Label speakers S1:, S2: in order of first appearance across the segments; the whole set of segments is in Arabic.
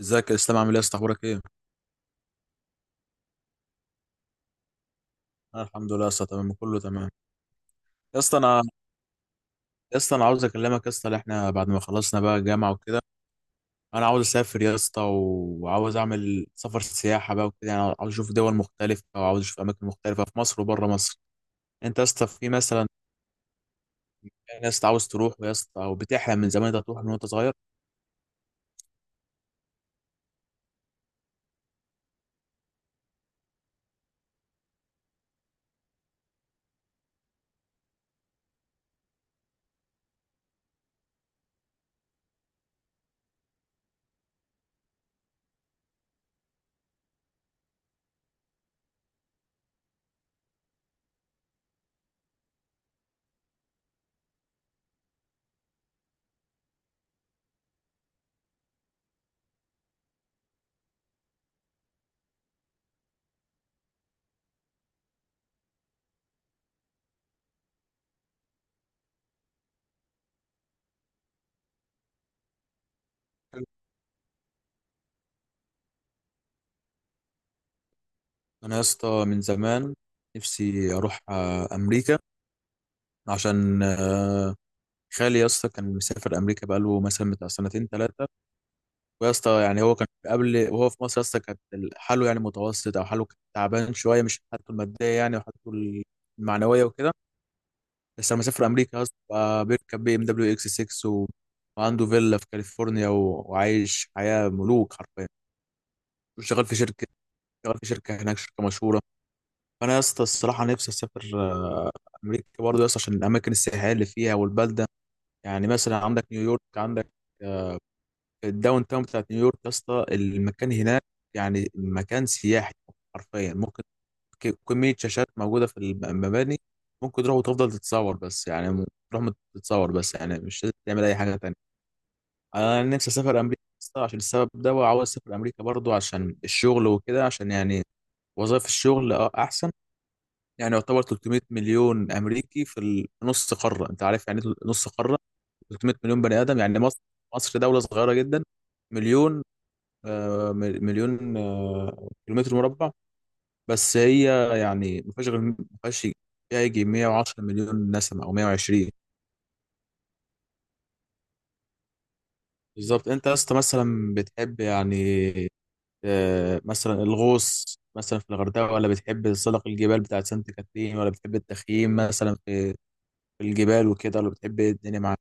S1: ازيك يا اسلام؟ عامل ايه يا اسطى؟ اخبارك ايه؟ انا الحمد لله يا اسطى، تمام، كله تمام. يا اسطى انا، يا اسطى انا عاوز اكلمك يا اسطى، اللي احنا بعد ما خلصنا بقى الجامعه وكده، انا عاوز اسافر يا اسطى وعاوز اعمل سفر سياحه بقى وكده، يعني عاوز اشوف دول مختلفه وعاوز اشوف اماكن مختلفه في مصر وبره مصر. انت يا اسطى في مثلا ناس عاوز تروح يا اسطى او بتحلم من زمان انت تروح من وانت صغير؟ انا يا اسطى من زمان نفسي اروح امريكا، عشان خالي يا اسطى كان مسافر امريكا بقاله مثلا بتاع سنتين ثلاثه، ويا اسطى يعني هو كان قبل وهو في مصر يا اسطى كانت حاله يعني متوسط او حاله كان تعبان شويه، مش حالته الماديه يعني، وحالته المعنويه وكده. بس لما سافر امريكا يا اسطى بقى بيركب بي ام دبليو اكس 6 وعنده فيلا في كاليفورنيا وعايش حياه ملوك حرفيا، وشغال في شركه، شغال في شركه هناك، شركه مشهوره. فانا يا اسطى الصراحه نفسي اسافر امريكا برضه يا اسطى عشان الاماكن السياحيه اللي فيها والبلده، يعني مثلا عندك نيويورك، عندك الداون تاون بتاعت نيويورك يا اسطى، المكان هناك يعني مكان سياحي حرفيا، ممكن كمية شاشات موجودة في المباني. ممكن تروح وتفضل تتصور بس، يعني تتصور بس يعني مش لازم تعمل أي حاجة تانية. أنا نفسي أسافر أمريكا يا اسطى عشان السبب ده، وعاوز أسافر أمريكا برضو عشان الشغل وكده، عشان يعني وظائف الشغل أه أحسن. يعني يعتبر 300 مليون أمريكي في نص قارة، أنت عارف يعني إيه نص قارة؟ 300 مليون بني آدم يعني، مصر، مصر دولة صغيرة جدا، مليون، مليون كيلومتر مربع بس، هي يعني ما فيهاش فيها يجي 110 مليون نسمة أو 120. بالظبط. أنت يا اسطى مثلا بتحب يعني مثلا الغوص مثلا في الغردقة، ولا بتحب تسلق الجبال بتاعت سانت كاترين، ولا بتحب التخييم مثلا في الجبال وكده، ولا بتحب إيه الدنيا معاك؟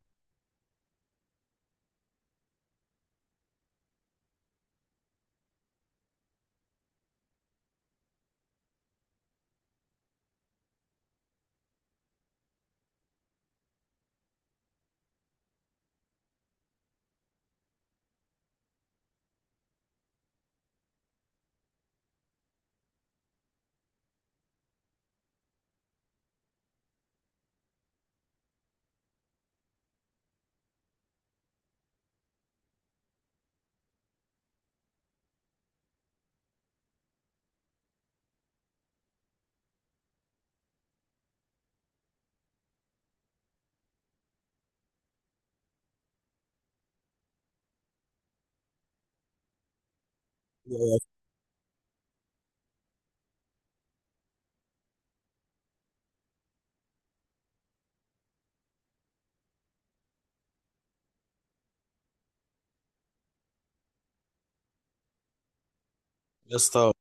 S1: يا اسطى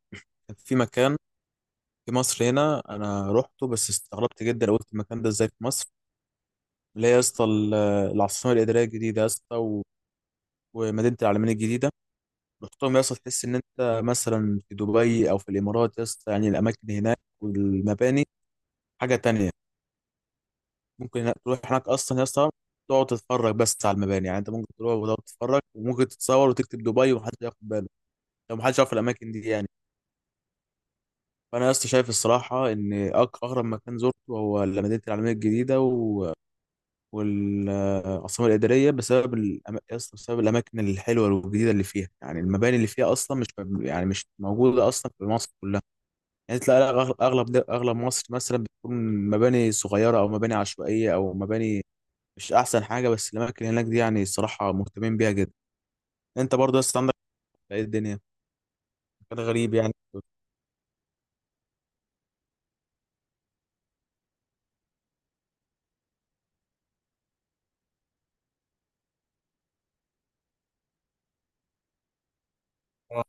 S1: كان في مكان في مصر هنا أنا روحته بس استغربت جدا، قلت المكان ده إزاي في مصر؟ اللي هي يا اسطى العاصمة الإدارية الجديدة يا اسطى، ومدينه العلمين الجديده. رحتهم يا اسطى تحس ان انت مثلا في دبي او في الامارات يا اسطى، يعني الاماكن هناك والمباني حاجه تانية. ممكن تروح هناك اصلا يا اسطى تقعد تتفرج بس على المباني، يعني انت ممكن تروح وتقعد تتفرج وممكن تتصور وتكتب دبي ومحدش ياخد باله لو محدش يعرف الاماكن دي يعني. فانا يا اسطى شايف الصراحه ان اغرب مكان زرته هو مدينه العلمين الجديده والعاصمة الإدارية، بسبب أصلاً بسبب الأماكن الحلوة والجديدة اللي فيها، يعني المباني اللي فيها أصلا مش يعني مش موجودة أصلا في مصر كلها. يعني تلاقي أغلب مصر مثلا بتكون مباني صغيرة أو مباني عشوائية أو مباني مش أحسن حاجة، بس الأماكن هناك دي يعني الصراحة مهتمين بيها جدا. أنت برضه أصلا عندك إيه الدنيا؟ كان غريب يعني. آه.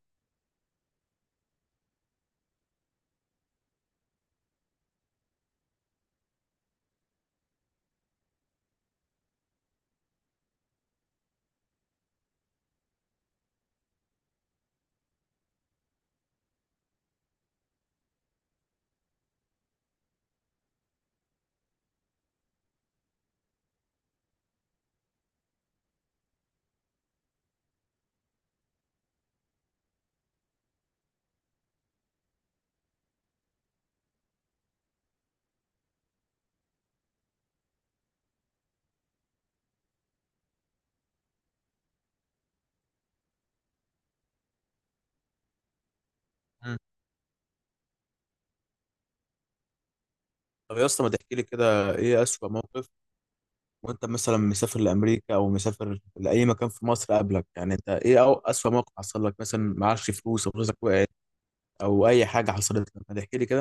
S1: مم. طب يا اسطى ما تحكي لي كده، إيه أسوأ موقف وانت مثلا مسافر لامريكا او مسافر لاي مكان في مصر قبلك؟ يعني انت ايه او اسوأ موقف حصل لك؟ مثلا معكش فلوس او فلوسك وقعت او اي حاجه حصلت لك، ما تحكي لي كده.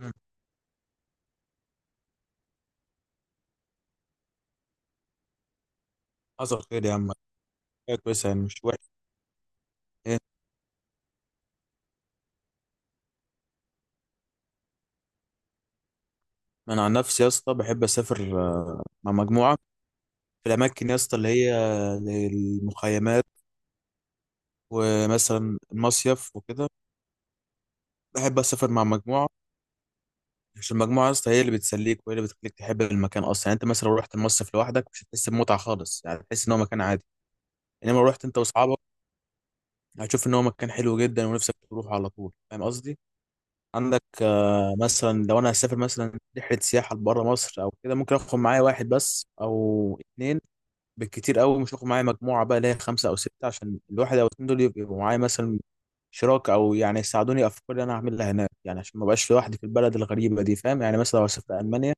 S1: مم. حصل خير يا عم، حاجه كويسه يعني مش وحش. ايه؟ انا عن نفسي يا اسطى بحب اسافر مع مجموعه، في الاماكن يا اسطى اللي هي المخيمات ومثلا المصيف وكده، بحب اسافر مع مجموعه، عشان المجموعه يا اسطى هي اللي بتسليك وهي اللي بتخليك تحب المكان اصلا، يعني انت مثلا لو رحت المصيف لوحدك مش هتحس بمتعه خالص، يعني تحس ان هو مكان عادي، انما لو رحت انت واصحابك هتشوف ان هو مكان حلو جدا ونفسك تروح على طول، فاهم قصدي؟ عندك مثلا لو انا هسافر مثلا رحله سياحه بره مصر او كده ممكن اخد معايا واحد بس او اتنين بالكتير قوي، مش هاخد معايا مجموعه بقى اللي هي خمسه او سته، عشان الواحد او اتنين دول يبقوا معايا مثلا شراكه، او يعني يساعدوني افكار اللي انا هعملها هناك، يعني عشان ما ابقاش لوحدي في البلد الغريبه دي، فاهم يعني؟ مثلا لو اسافر المانيا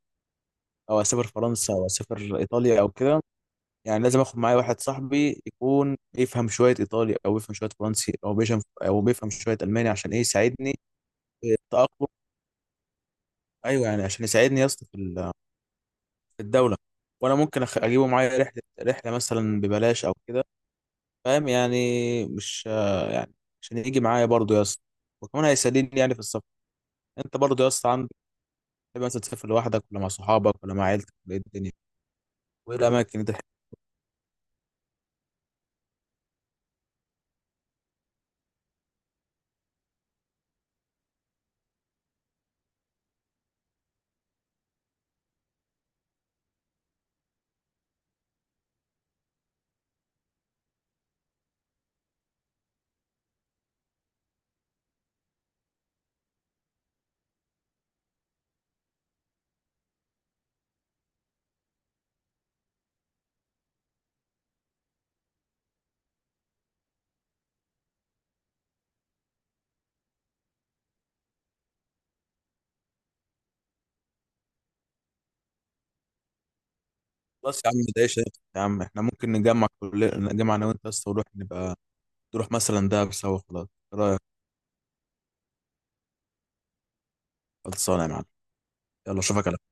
S1: او اسافر فرنسا او اسافر ايطاليا او كده، يعني لازم اخد معايا واحد صاحبي يكون يفهم شويه ايطالي، او يفهم شويه فرنسي، او بيفهم شويه الماني، عشان ايه يساعدني في التاقلم. ايوه يعني عشان يساعدني يا اسطى في في الدوله، وانا ممكن اجيبه معايا رحله مثلا ببلاش او كده، فاهم يعني؟ مش يعني، عشان يجي معايا برضه يا اسطى، وكمان هيساعدني يعني في السفر. انت برضه يا اسطى عندك تحب مثلا تسافر لوحدك ولا مع صحابك ولا مع عيلتك ولا ايه الدنيا؟ وايه الاماكن اللي انت تحب؟ خلاص يا عم ما تضايقش نفسك يا عم، احنا ممكن نجمع، نجمع انا وانت يا اسطى ونروح، نبقى تروح مثلا دهب سوا خلاص، ايه رايك؟ خلصانه يا معلم. يلا اشوفك على